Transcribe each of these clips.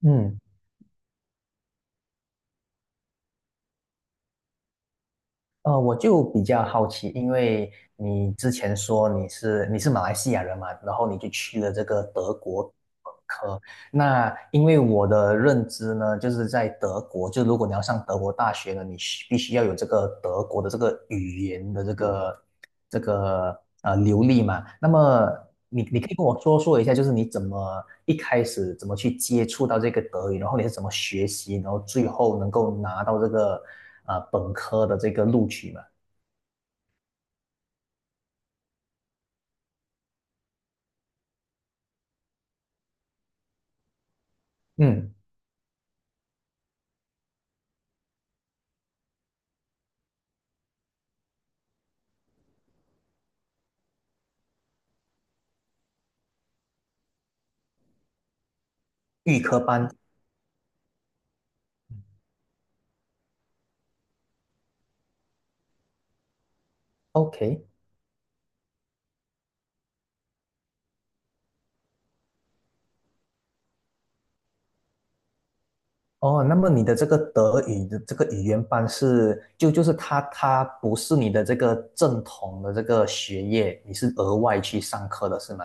嗯，我就比较好奇，因为你之前说你是马来西亚人嘛，然后你就去了这个德国。那因为我的认知呢，就是在德国，就如果你要上德国大学呢，你需必须要有这个德国的这个语言的这个流利嘛。那么你可以跟我说说一下，就是你怎么一开始怎么去接触到这个德语，然后你是怎么学习，然后最后能够拿到这个本科的这个录取嘛？嗯，OK。哦，那么你的这个德语的这个语言班是，就是他不是你的这个正统的这个学业，你是额外去上课的是吗？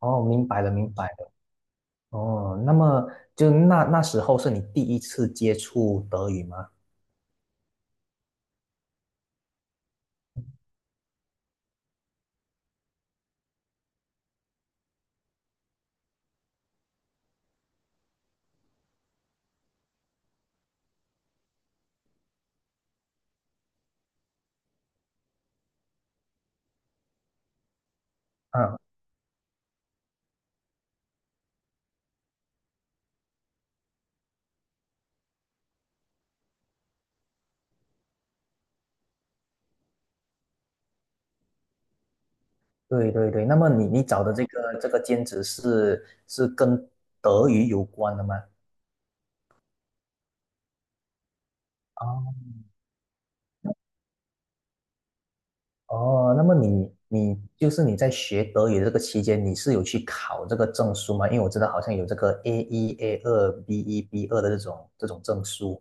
哦，哦，明白了，明白了。哦，那么那时候是你第一次接触德语吗？嗯，对对对。那么你你找的这个兼职是是跟德语有关的吗？哦，那么你你就是你在学德语的这个期间，你是有去考这个证书吗？因为我知道好像有这个 A 一、A 二、B 一、B 二的这种证书。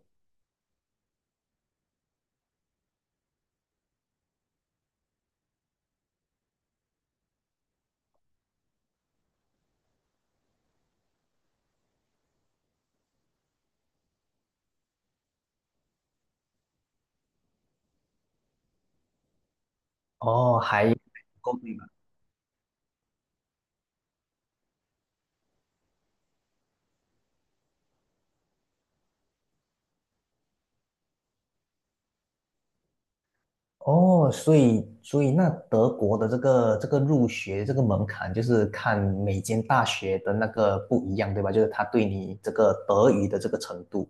哦，还够对吧？哦，所以那德国的这个入学这个门槛，就是看每间大学的那个不一样，对吧？就是他对你这个德语的这个程度。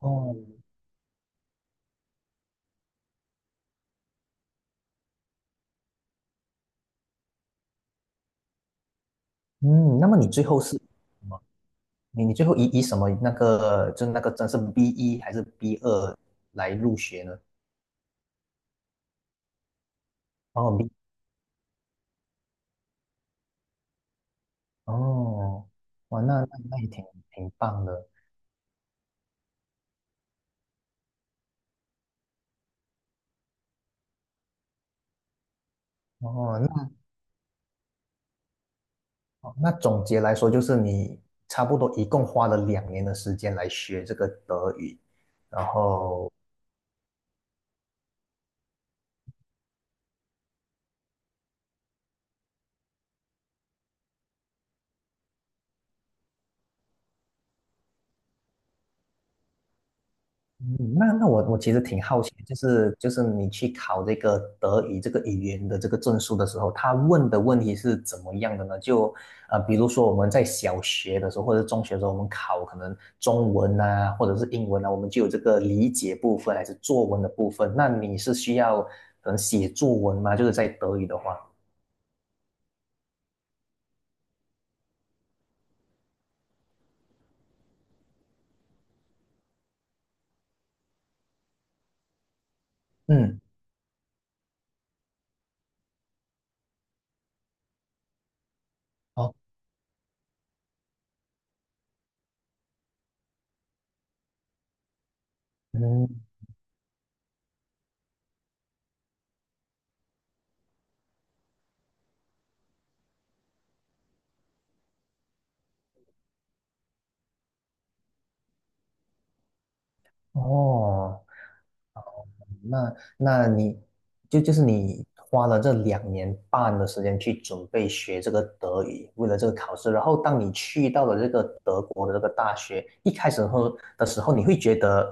哦，嗯，那么你最后是？什么？你最后以什么那个就是那个真是 B 一还是 B 二来入学呢？哦 B 哦，哇，那也挺棒的哦。那那总结来说，就是你差不多一共花了两年的时间来学这个德语，然后嗯。那那我其实挺好奇，就是你去考这个德语这个语言的这个证书的时候，他问的问题是怎么样的呢？比如说我们在小学的时候或者中学的时候，我们考可能中文啊或者是英文啊，我们就有这个理解部分还是作文的部分。那你是需要可能写作文吗？就是在德语的话，嗯，哦，嗯，哦，那那你就是你花了这2年半的时间去准备学这个德语，为了这个考试。然后当你去到了这个德国的这个大学，一开始后的时候，你会觉得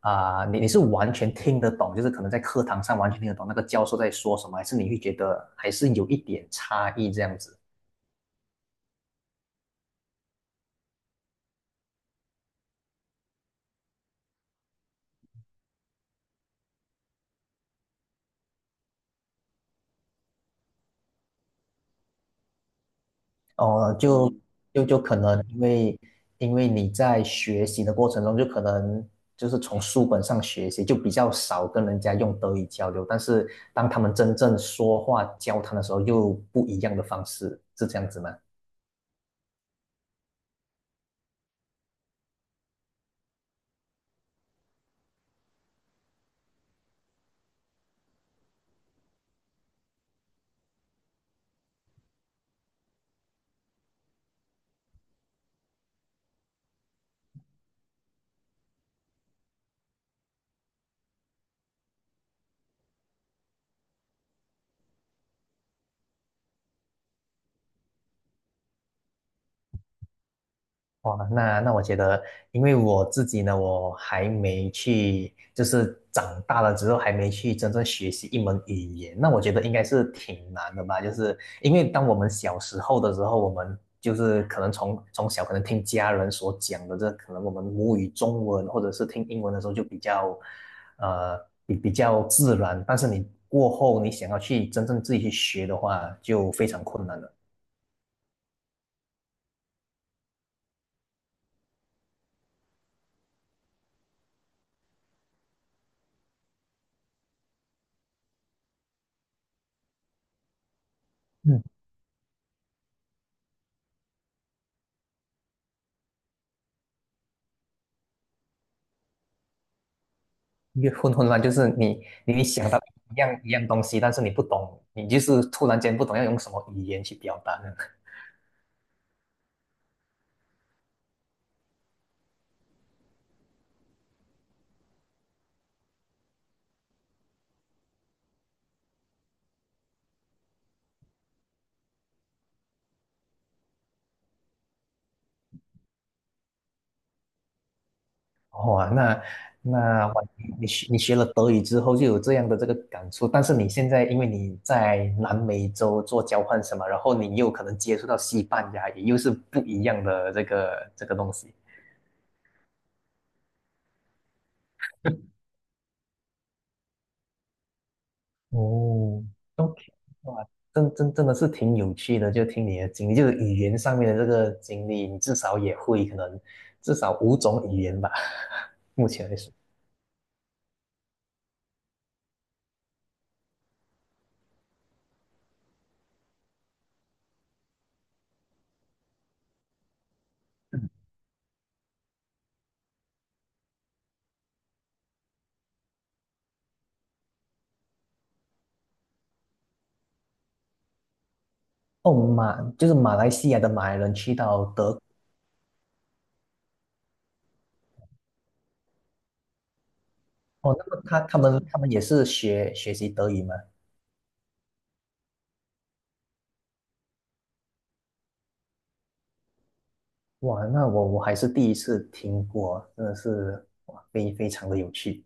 你是完全听得懂，就是可能在课堂上完全听得懂那个教授在说什么，还是你会觉得还是有一点差异这样子？哦，就嗯就就可能因为因为你在学习的过程中，就可能就是从书本上学习，就比较少跟人家用德语交流。但是当他们真正说话交谈的时候，又不一样的方式，是这样子吗？哇，那那我觉得，因为我自己呢，我还没去，就是长大了之后还没去真正学习一门语言，那我觉得应该是挺难的吧。就是因为当我们小时候的时候，我们就是可能从小可能听家人所讲的这，可能我们母语中文或者是听英文的时候就比较，呃，比较自然。但是你过后你想要去真正自己去学的话，就非常困难了。嗯。越混乱就是你想到一样东西，但是你不懂，你就是突然间不懂要用什么语言去表达呢？哇，那那哇你学了德语之后就有这样的这个感触，但是你现在因为你在南美洲做交换什么，然后你又可能接触到西班牙语，也又是不一样的这个东西。哦，OK,哇，真的是挺有趣的，就听你的经历，就是语言上面的这个经历，你至少也会可能至少5种语言吧，目前来说。哦，马就是马来西亚的马来人去到德国哦，那么他们也是学习德语吗？哇，那我我还是第一次听过，真的是哇，非常的有趣。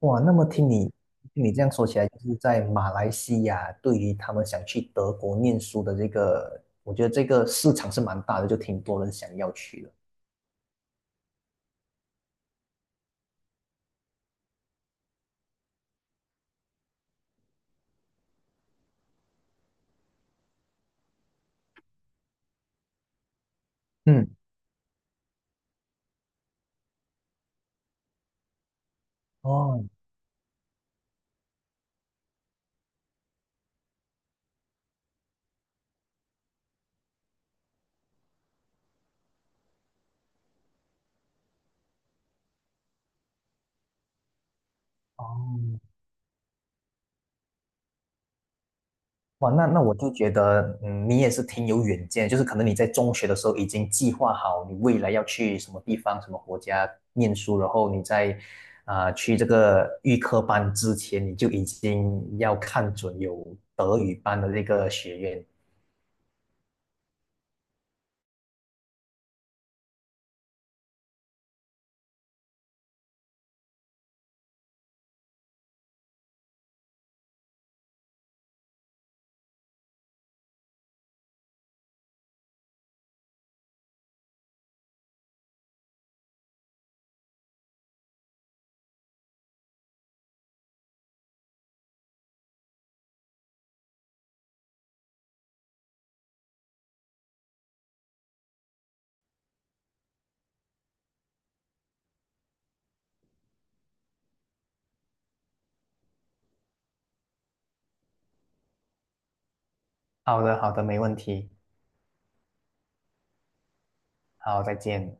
哇，那么听你这样说起来，就是在马来西亚，对于他们想去德国念书的这个，我觉得这个市场是蛮大的，就挺多人想要去的。嗯，哦哦，哇，那那我就觉得，嗯，你也是挺有远见，就是可能你在中学的时候已经计划好你未来要去什么地方、什么国家念书，然后你在去这个预科班之前，你就已经要看准有德语班的这个学院。好的，好的，没问题。好，再见。